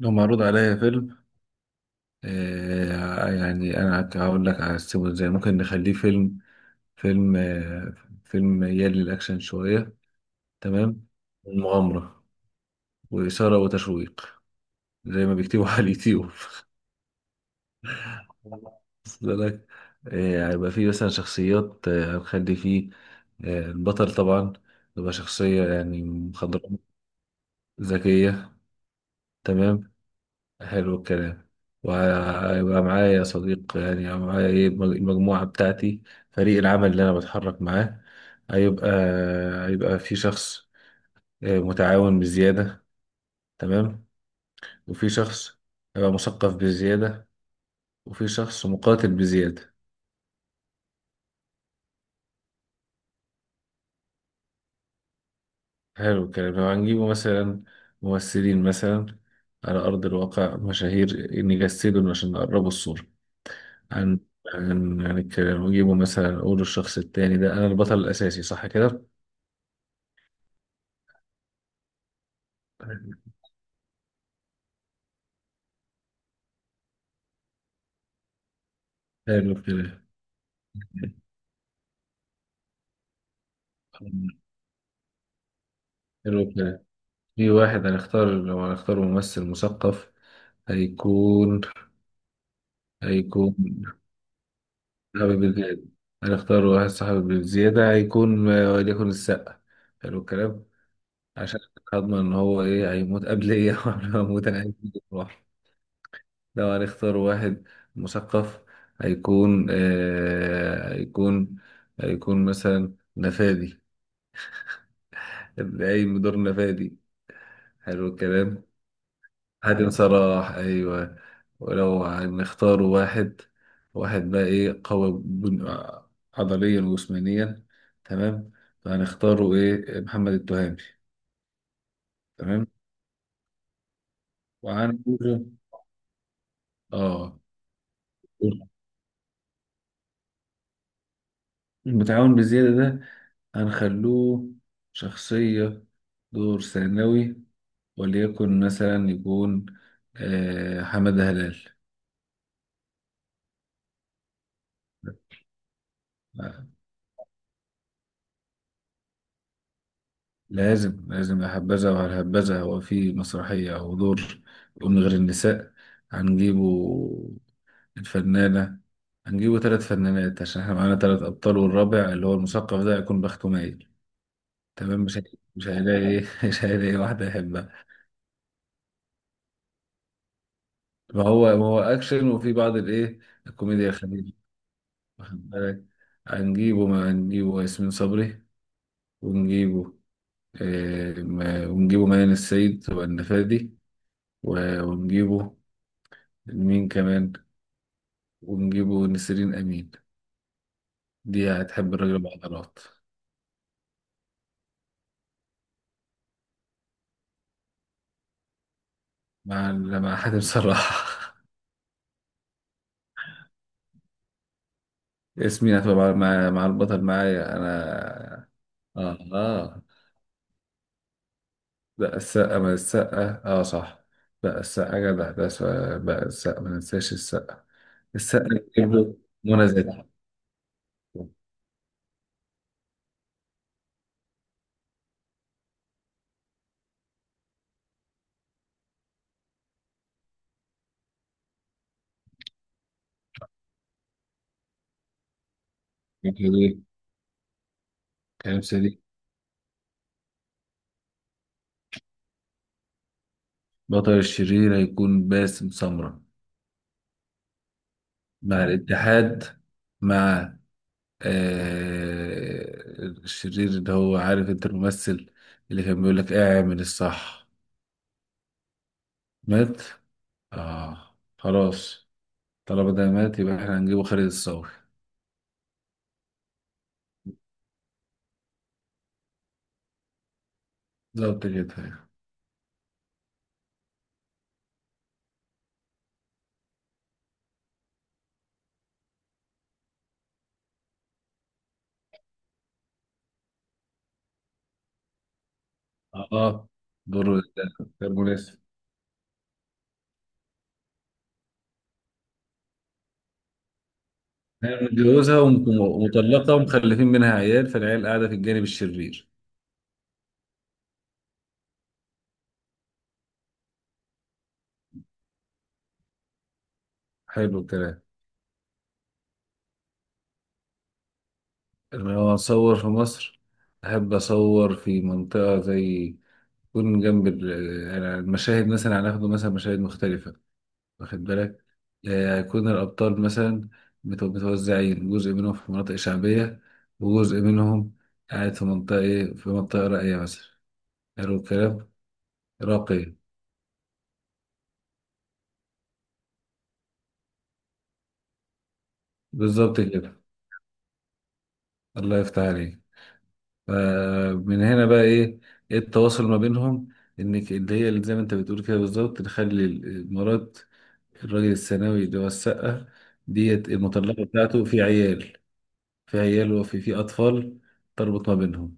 لو معروض عليا فيلم، يعني انا هقول لك هقسمه ازاي ممكن نخليه فيلم. فيلم آه فيلم يلي الاكشن شويه، تمام. المغامره واثاره وتشويق، زي ما بيكتبوا على اليوتيوب. وصل لك؟ هيبقى فيه مثلا شخصيات. هنخلي فيه، البطل طبعا يبقى شخصية يعني مخضرمة ذكية. تمام، حلو الكلام. وهيبقى معايا يا صديق، يعني هيبقى معايا ايه المجموعة بتاعتي، فريق العمل اللي انا بتحرك معاه. هيبقى هيبقى في شخص متعاون بزيادة، تمام. وفي شخص هيبقى مثقف بزيادة، وفي شخص مقاتل بزيادة. حلو الكلام، لو هنجيبه مثلا ممثلين مثلا على أرض الواقع مشاهير نجسدهم عشان نقربوا الصورة عن الكلام، ونجيبه مثلا نقوله الشخص التاني ده. أنا البطل الأساسي صح كده. حلو الكلام، حلو الكلام. في واحد هنختار، لو هنختار ممثل مثقف هيكون، هيكون صاحب البلاد. هنختار واحد صاحب الزيادة، هيكون وليكن السقا. حلو الكلام، عشان هضمن إن هو إيه هيموت قبل إيه أو قبل ما أموت، أنا عايز أموت لوحدي. لو هنختار واحد مثقف هيكون، هيكون مثلا نفادي، اللي قايم بدور نفادي. حلو الكلام، حاتم صلاح ايوه. ولو هنختار واحد، واحد بقى ايه قوي، عضليا وجسمانيا، تمام. فهنختاره ايه محمد التهامي، تمام. وهنقوله اه. المتعاون بزيادة ده هنخلوه شخصية، دور ثانوي، وليكن مثلا يكون حمادة هلال. لازم لازم، لا هبذا ولا هبذا، هو في مسرحية أو دور يقوم من غير النساء؟ هنجيبه الفنانة، هنجيبه ثلاث فنانات عشان احنا معانا ثلاث أبطال، والرابع اللي هو المثقف ده هيكون بخته مايل. تمام، مش هيلاقي ايه مش هيلاقي واحدة يحبها. ما هو أكشن وفي بعض الإيه، الكوميديا الخفيفة، واخد بالك. هنجيبه، ما هنجيبه ياسمين صبري، ونجيبه إيه، ونجيبه ميادة السيد والنفادي، ونجيبه مين كمان، ونجيبه نسرين أمين، دي هتحب الراجل بعضلات. مع مع حاتم صراحة. ياسمين هتبقى مع البطل معايا أنا. آه آه، بقى السقا، من السقا، آه صح. بقى السقا جدع ده بقى السقا، ما ننساش السقا. السقا نجيب له منى زكي. كريم، كريم سليم. بطل الشرير هيكون باسم سمرة. مع الاتحاد، مع آه الشرير اللي هو عارف انت الممثل اللي كان بيقول لك اعمل الصح. مات، اه خلاص، طالما ده مات يبقى احنا هنجيبه خالد الصاوي. بالظبط كده. اه دوره ده، ده المناسب. هي متجوزها ومطلقة ومخلفين منها عيال، فالعيال قاعدة في الجانب الشرير. حلو الكلام، لما هو أصور في مصر، أحب أصور في منطقة زي، يكون جنب يعني المشاهد مثلا هناخده مثلا مشاهد مختلفة، واخد بالك. هيكون الأبطال مثلا متوزعين، جزء منهم في مناطق شعبية، وجزء منهم قاعد في منطقة إيه، في منطقة راقية مثلا. حلو الكلام، راقية، بالظبط كده. الله يفتح عليك. فمن هنا بقى إيه، إيه التواصل ما بينهم؟ إنك اللي هي اللي زي ما أنت بتقول كده بالظبط، نخلي المرات، الراجل الثانوي اللي هو السقة، ديت المطلقة بتاعته في عيال، في عيال وفي أطفال تربط ما بينهم.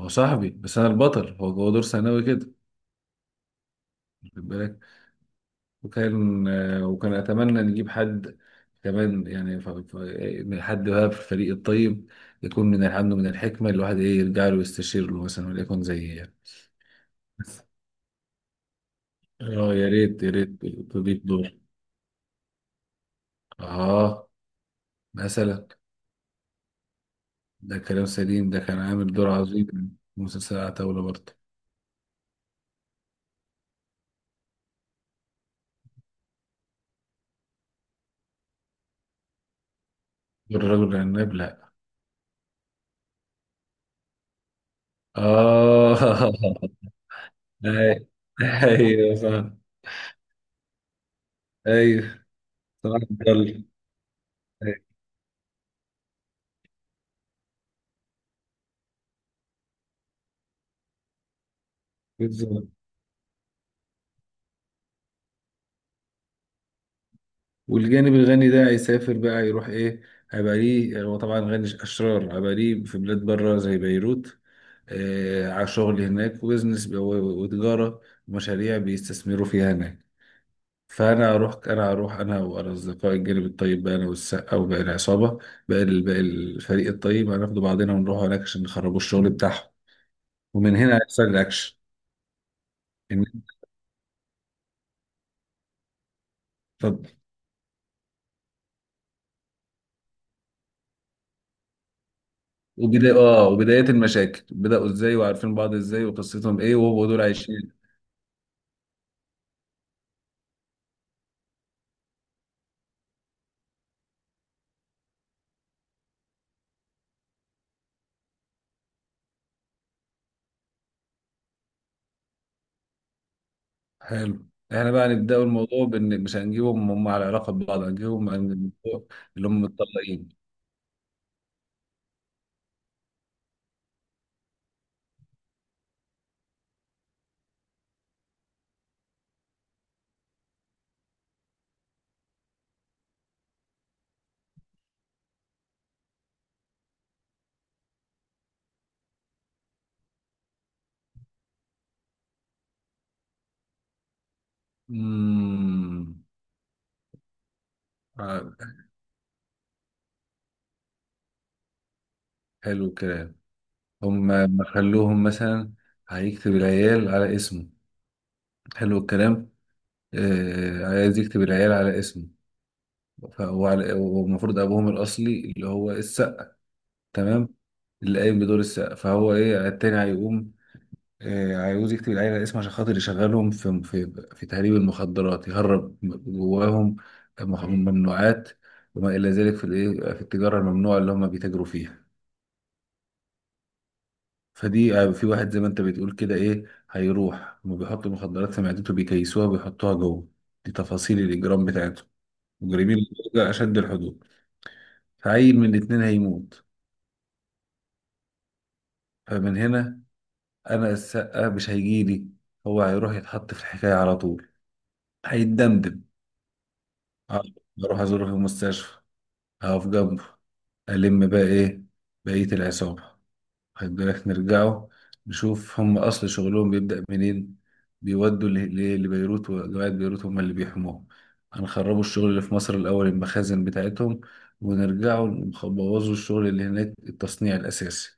هو صاحبي بس انا البطل، هو دور ثانوي كده، واخد بالك. وكان اتمنى نجيب حد كمان، يعني من حد بقى في الفريق الطيب، يكون من الحمد من الحكمه، الواحد ايه يرجع له يستشير له، مثلا وليكن زي يعني، اه يا ريت تضيف دور. اه مثلا، ده كلام سليم، ده كان عامل دور عظيم في مسلسل عتاولة برضه. دور الرجل العناب، لا. اه ايوه ايوه صح، ايوه صح عبد الله، بالظبط. والجانب الغني ده هيسافر بقى، يروح ايه، هيبقى ليه، هو طبعا غني اشرار، هيبقى ليه في بلاد بره زي بيروت. آه على شغل هناك، وبزنس وتجاره ومشاريع بيستثمروا فيها هناك. فانا هروح، انا هروح انا وانا اصدقائي الجانب الطيب بقى، انا والسقا وباقي العصابه، باقي باقي الفريق الطيب، هناخدوا بعضنا ونروح هناك عشان نخربوا الشغل بتاعهم. ومن هنا هيحصل الاكشن. إن- طب وبداية المشاكل، بدأوا ازاي وعارفين بعض ازاي وقصتهم ايه، وهو دول عايشين. حلو، احنا بقى نبدأ الموضوع بان مش هنجيبهم هم على علاقة ببعض، هنجيبهم عن الموضوع اللي هم متطلقين. امم، آه، حلو الكلام. هم ما خلوهم مثلا هيكتب العيال على اسمه. حلو الكلام، آه عايز يكتب العيال على اسمه. والمفروض ابوهم الاصلي اللي هو السقا، تمام، اللي قايم بدور السقا، فهو ايه التاني هيقوم، عاوز يكتب العيلة الاسم عشان خاطر يشغلهم في تهريب المخدرات، يهرب جواهم ممنوعات وما إلى ذلك، في الإيه، في التجارة الممنوعة اللي هم بيتاجروا فيها. فدي في واحد زي ما أنت بتقول كده إيه، هيروح هم بيحطوا المخدرات في معدته، بيكيسوها وبيحطوها جوه، دي تفاصيل الإجرام بتاعتهم. مجرمين بدرجة أشد الحدود. فعيل من الاتنين هيموت. فمن هنا أنا السقا مش هيجيلي، هو هيروح يتحط في الحكاية على طول، هيتدمدم. آه، اروح ازوره في المستشفى، اقف جنبه. الم بقى ايه بقية العصابة، واخد بالك. نرجعوا نشوف هم اصل شغلهم بيبدأ منين، بيودوا لبيروت، وجماعة بيروت هم اللي بيحموهم. هنخربوا الشغل اللي في مصر الاول، المخازن بتاعتهم، ونرجعوا نبوظوا الشغل اللي هناك، التصنيع الاساسي.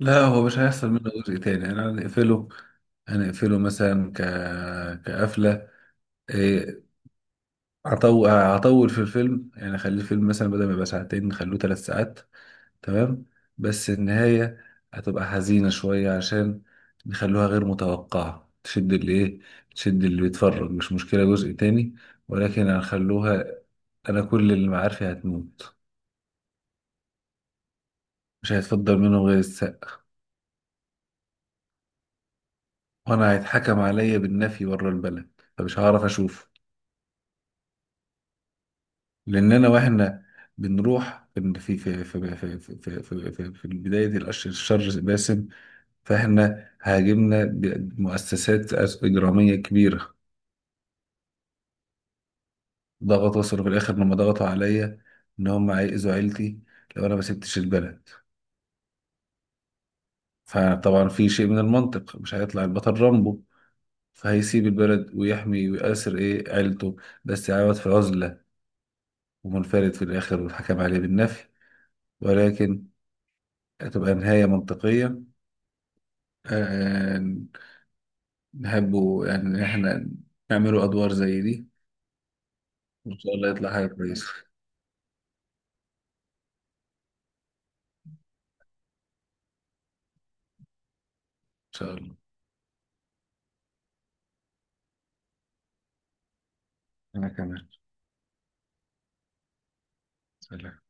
لا، هو مش هيحصل منه جزء تاني، انا هنقفله. هنقفله مثلا كقفلة إيه، هطول في الفيلم، يعني اخلي الفيلم مثلا بدل ما يبقى ساعتين نخلوه ثلاث ساعات، تمام. بس النهاية هتبقى حزينة شوية، عشان نخلوها غير متوقعة، تشد اللي ايه، تشد اللي بيتفرج، مش مشكلة جزء تاني، ولكن هنخلوها. انا كل اللي معارفي هتموت، مش هيتفضل منهم غير السقا. وانا هيتحكم عليا بالنفي بره البلد، فمش هعرف اشوفه. لان انا، واحنا بنروح في في في في في في في, في, في, في, في البداية دي، الأشر الشر باسم، فاحنا هاجمنا بمؤسسات إجرامية كبيرة. ضغط، وصلوا في الآخر لما ضغطوا عليا إن هم هيأذوا عيلتي لو أنا ما سبتش البلد. فطبعا في شيء من المنطق، مش هيطلع البطل رامبو، فهيسيب البلد ويحمي ويأسر إيه عيلته، بس يعود في عزلة ومنفرد في الآخر والحكم عليه بالنفي. ولكن هتبقى نهاية منطقية، آه، نحبه يعني إن إحنا نعمله أدوار زي دي. وإن شاء الله يطلع حاجة كويسة إن شاء الله. أنا كمان، سلام.